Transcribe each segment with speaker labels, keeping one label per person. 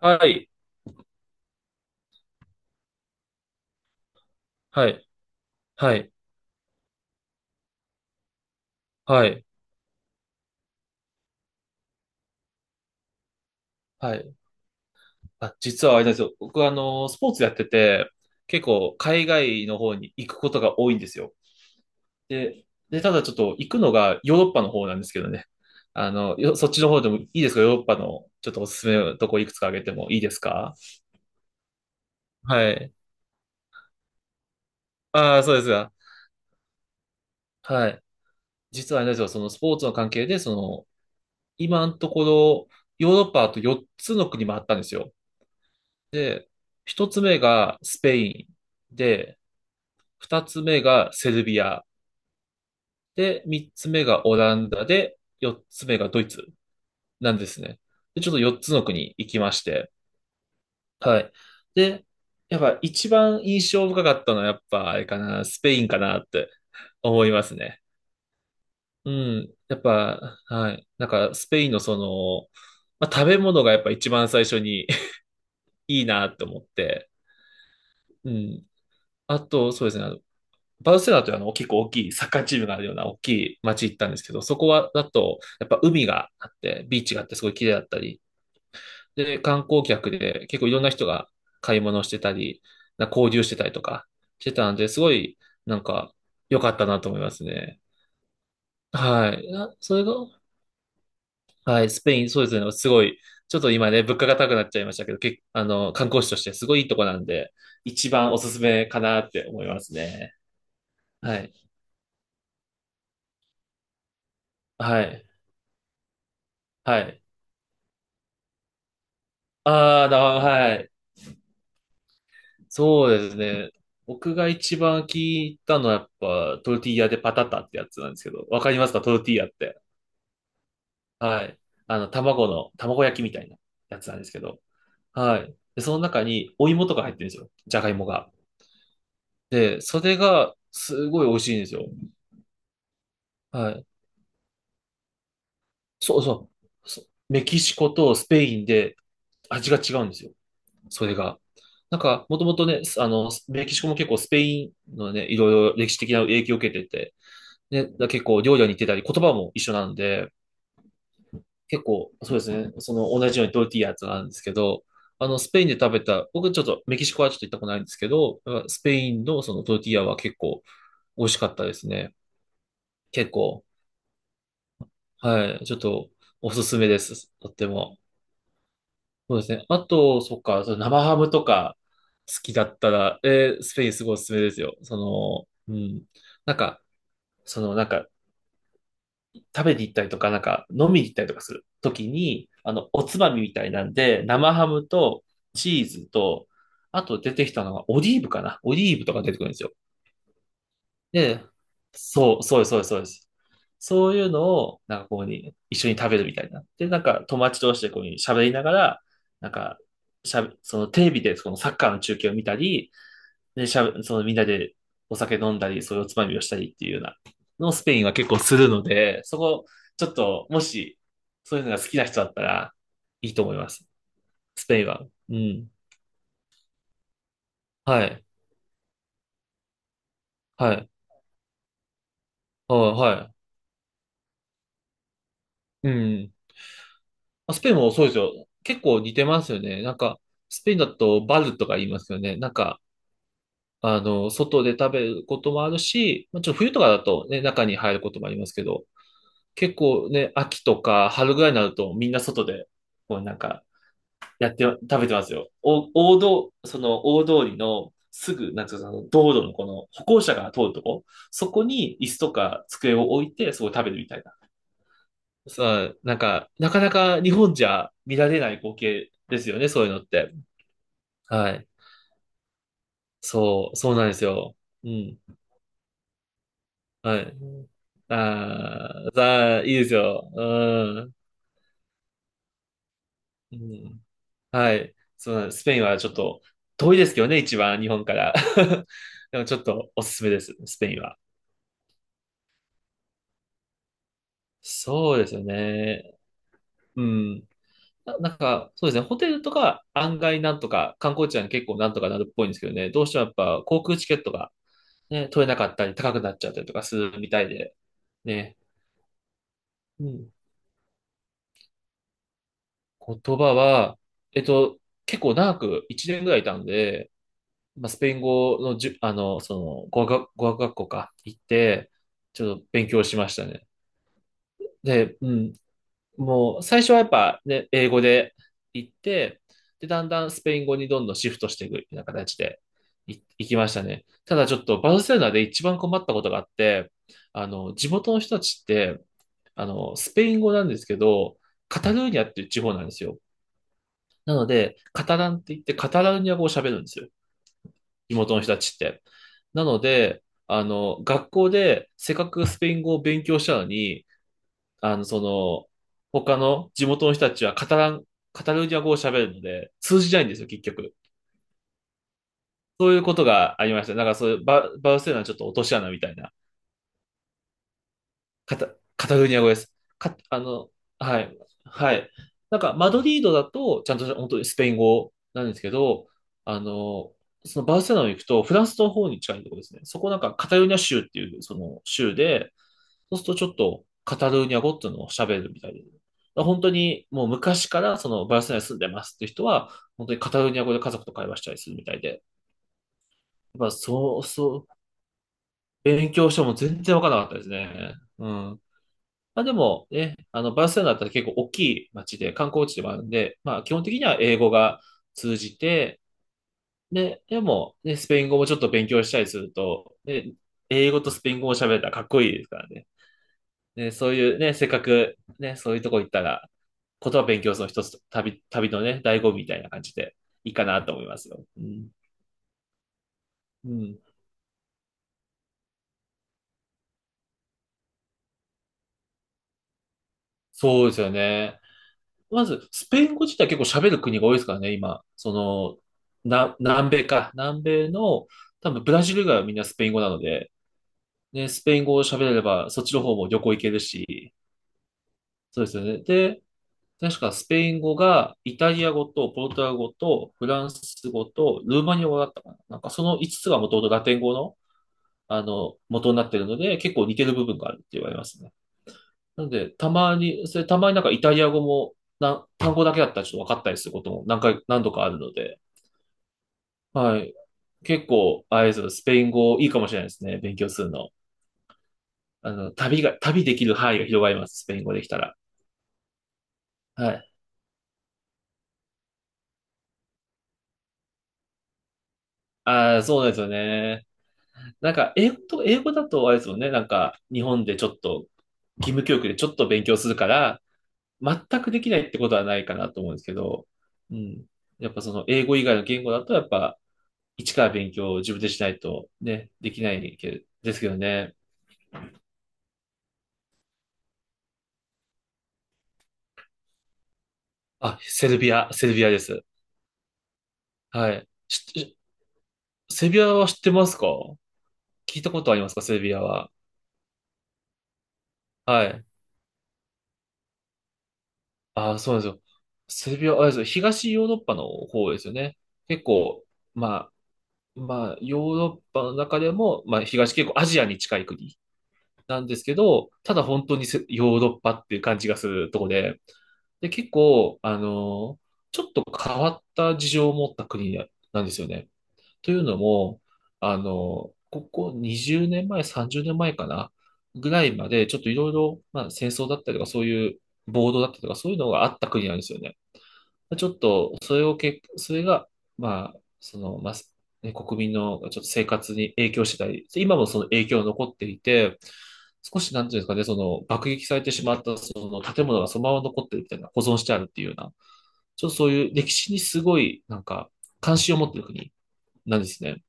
Speaker 1: はい。はい。はい。はい。はい。あ、実はあれなんですよ。僕はスポーツやってて、結構海外の方に行くことが多いんですよ。で、で、ただちょっと行くのがヨーロッパの方なんですけどね。あの、そっちの方でもいいですか？ヨーロッパのちょっとおすすめのとこいくつか挙げてもいいですか？はい。ああ、そうですが。はい。実はあれなんですよ。そのスポーツの関係で、その、今のところ、ヨーロッパあと4つの国もあったんですよ。で、1つ目がスペイン。で、二つ目がセルビア。で、三つ目がオランダで、四つ目がドイツなんですね。で、ちょっと四つの国行きまして。はい。で、やっぱ一番印象深かったのはやっぱあれかな、スペインかなって思いますね。うん。やっぱ、はい。なんかスペインのその、まあ、食べ物がやっぱ一番最初に いいなって思って。うん。あと、そうですね。バルセロナというあの結構大きいサッカーチームがあるような大きい街行ったんですけど、そこはだとやっぱ海があって、ビーチがあってすごい綺麗だったり、で、観光客で結構いろんな人が買い物してたり、な交流してたりとかしてたんで、すごいなんか良かったなと思いますね。はい。あそれが、はい、スペイン、そうですね、すごい、ちょっと今ね、物価が高くなっちゃいましたけど、あの、観光地としてすごいいいとこなんで、一番おすすめかなって思いますね。はい。はい。はい。ああ、はい。そうですね。僕が一番聞いたのはやっぱトルティーヤでパタタってやつなんですけど、わかりますかトルティーヤって？はい。あの、卵焼きみたいなやつなんですけど。はい。で、その中にお芋とか入ってるんですよ。じゃがいもが。で、それがすごい美味しいんですよ。はい。そうそう。メキシコとスペインで味が違うんですよ。それが。なんか、もともとね、あの、メキシコも結構スペインのね、いろいろ歴史的な影響を受けてて、ね、だ結構料理に似てたり、言葉も一緒なんで、結構、そうですね、その同じようにトルティーヤとかなんですけど、あの、スペインで食べた、僕ちょっとメキシコはちょっと行ったことないんですけど、スペインのそのトルティーヤは結構美味しかったですね。結構、はい、ちょっとおすすめです。とっても。そうですね。あと、そっか、その生ハムとか好きだったら、スペインすごいおすすめですよ。その、うん。なんか、なんか、食べに行ったりとか、なんか飲みに行ったりとかするときに、あの、おつまみみたいなんで、生ハムとチーズと、あと出てきたのがオリーブかな。オリーブとか出てくるんですよ。で、そう、そうです、そうです、そうです。そういうのを、なんかこうに、一緒に食べるみたいな。で、なんか友達同士でこうに喋りながら、なんか、しゃべ、そのテレビでそのサッカーの中継を見たり、で、しゃぶ、そのみんなでお酒飲んだり、そういうおつまみをしたりっていうような、のをスペインは結構するので、そこ、ちょっと、もし、そういうのが好きな人だったら、いいと思います。スペインは。うん。はい。はい。あはい。うん。まあスペインもそうですよ。結構似てますよね。なんか、スペインだとバルとか言いますよね。なんか、あの、外で食べることもあるし、まあ、ちょっと冬とかだとね、中に入ることもありますけど、結構ね、秋とか春ぐらいになるとみんな外で、こうなんか、やって、食べてますよ。お、大道、その大通りのすぐ、なんていうか、その道路のこの歩行者が通るとこ、そこに椅子とか机を置いて、そこで食べるみたいな。さあ、なんか、なかなか日本じゃ見られない光景ですよね、そういうのって。はい。そう、そうなんですよ。うん。はい。ああ、さあ、いいですよ。うん。うん。はい。そうなんです。スペインはちょっと遠いですけどね、一番日本から。でもちょっとおすすめです、スペインは。そうですよね。うん。なんか、そうですね。ホテルとか案外なんとか、観光地は結構なんとかなるっぽいんですけどね。どうしてもやっぱ航空チケットがね、取れなかったり高くなっちゃったりとかするみたいで。ね。うん。言葉は、えっと、結構長く1年ぐらいいたんで、まあ、スペイン語のじゅ、あの、その、語学学校か、行って、ちょっと勉強しましたね。で、うん、もう、最初はやっぱね、英語で行って、で、だんだんスペイン語にどんどんシフトしていくような形で行きましたね。ただちょっと、バルセロナで一番困ったことがあって、あの、地元の人たちって、あの、スペイン語なんですけど、カタルーニャっていう地方なんですよ。なので、カタランって言って、カタルーニャ語を喋るんですよ。地元の人たちって。なので、あの、学校でせっかくスペイン語を勉強したのに、あの、その、他の地元の人たちはカタラン、カタルーニャ語を喋るので、通じないんですよ、結局。そういうことがありました。なんかそういうバ、バルセロナちょっと落とし穴みたいな。カタ、カタルーニャ語です。か、あの、はい。はい。なんか、マドリードだと、ちゃんと本当にスペイン語なんですけど、あの、そのバルセロナに行くと、フランスの方に近いところですね。そこなんか、カタルーニャ州っていう、その州で、そうするとちょっと、カタルーニャ語っていうのを喋るみたいで本当に、もう昔から、その、バルセロナに住んでますっていう人は、本当にカタルーニャ語で家族と会話したりするみたいで、やっぱ、そう、そう、勉強しても全然わからなかったですね。うん。まあでもね、あの、バルセロナだったら結構大きい街で、観光地でもあるんで、まあ基本的には英語が通じて、で、でも、ね、スペイン語もちょっと勉強したりすると、で、英語とスペイン語を喋れたらかっこいいですからね。ねそういうね、せっかくね、そういうとこ行ったら、言葉勉強するの一つ、旅のね、醍醐味みたいな感じでいいかなと思いますよ。うん。うん。そうですよね。まず、スペイン語自体結構喋る国が多いですからね、今。南米か。南米の、多分ブラジル以外はみんなスペイン語なので、ね、スペイン語を喋れれば、そっちの方も旅行行けるし、そうですよね。で、確かスペイン語が、イタリア語と、ポルトガル語と、フランス語と、ルーマニア語だったかな。なんかその5つがもともとラテン語の、元になってるので、結構似てる部分があるって言われますね。なので、たまに、なんかイタリア語も、単語だけだったらちょっと分かったりすることも何度かあるので、はい。結構、あれですよ、スペイン語いいかもしれないですね。勉強するの。旅できる範囲が広がります。スペイン語できたら。はい。ああ、そうなんですよね。なんか、英語だとあれですもんね。なんか、日本でちょっと、義務教育でちょっと勉強するから、全くできないってことはないかなと思うんですけど、うん。やっぱその英語以外の言語だと、やっぱ、一から勉強を自分でしないとね、できないけどですけどね。あ、セルビアです。はい。セルビアは知ってますか？聞いたことありますかセルビアは？はい。あ、そうなんですよ。セルビア、あれですよ。東ヨーロッパの方ですよね。結構、ままあ、ヨーロッパの中でも、まあ、東結構アジアに近い国なんですけど、ただ本当にヨーロッパっていう感じがするとこで、で、結構、ちょっと変わった事情を持った国なんですよね。というのも、あの、ここ20年前、30年前かな、ぐらいまで、ちょっといろいろ、まあ、戦争だったりとか、そういう暴動だったりとか、そういうのがあった国なんですよね。ちょっと、それが、まあ、その、まあ、ね、国民のちょっと生活に影響してたり、今もその影響が残っていて、少しなんていうんですかね、その爆撃されてしまったその建物がそのまま残ってるみたいな、保存してあるっていうような、ちょっとそういう歴史にすごい、なんか、関心を持ってる国なんですね。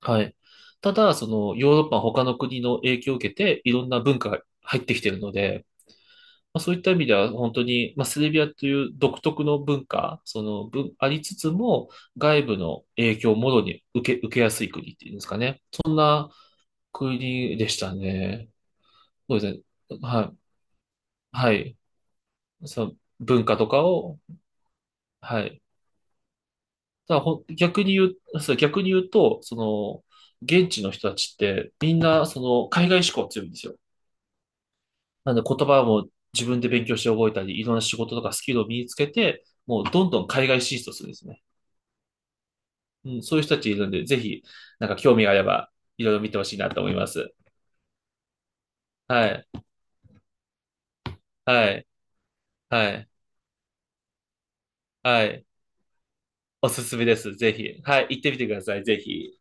Speaker 1: はい。ただ、その、ヨーロッパ他の国の影響を受けて、いろんな文化が入ってきてるので、まあ、そういった意味では本当に、まあ、セルビアという独特の文化、その文、ありつつも外部の影響をもろに受けやすい国っていうんですかね。まあ、国でしたね。そうですね。はい。はい。その文化とかを、はい。ただほん、逆に言うと、その、現地の人たちってみんなその海外志向強いんですよ。なので言葉も自分で勉強して覚えたり、いろんな仕事とかスキルを身につけて、もうどんどん海外進出をするんですね。うん、そういう人たちいるんで、ぜひ、なんか興味があれば、いろいろ見てほしいなと思います。はい、はい、はい、はい。おすすめです。ぜひ。はい、行ってみてください。ぜひ。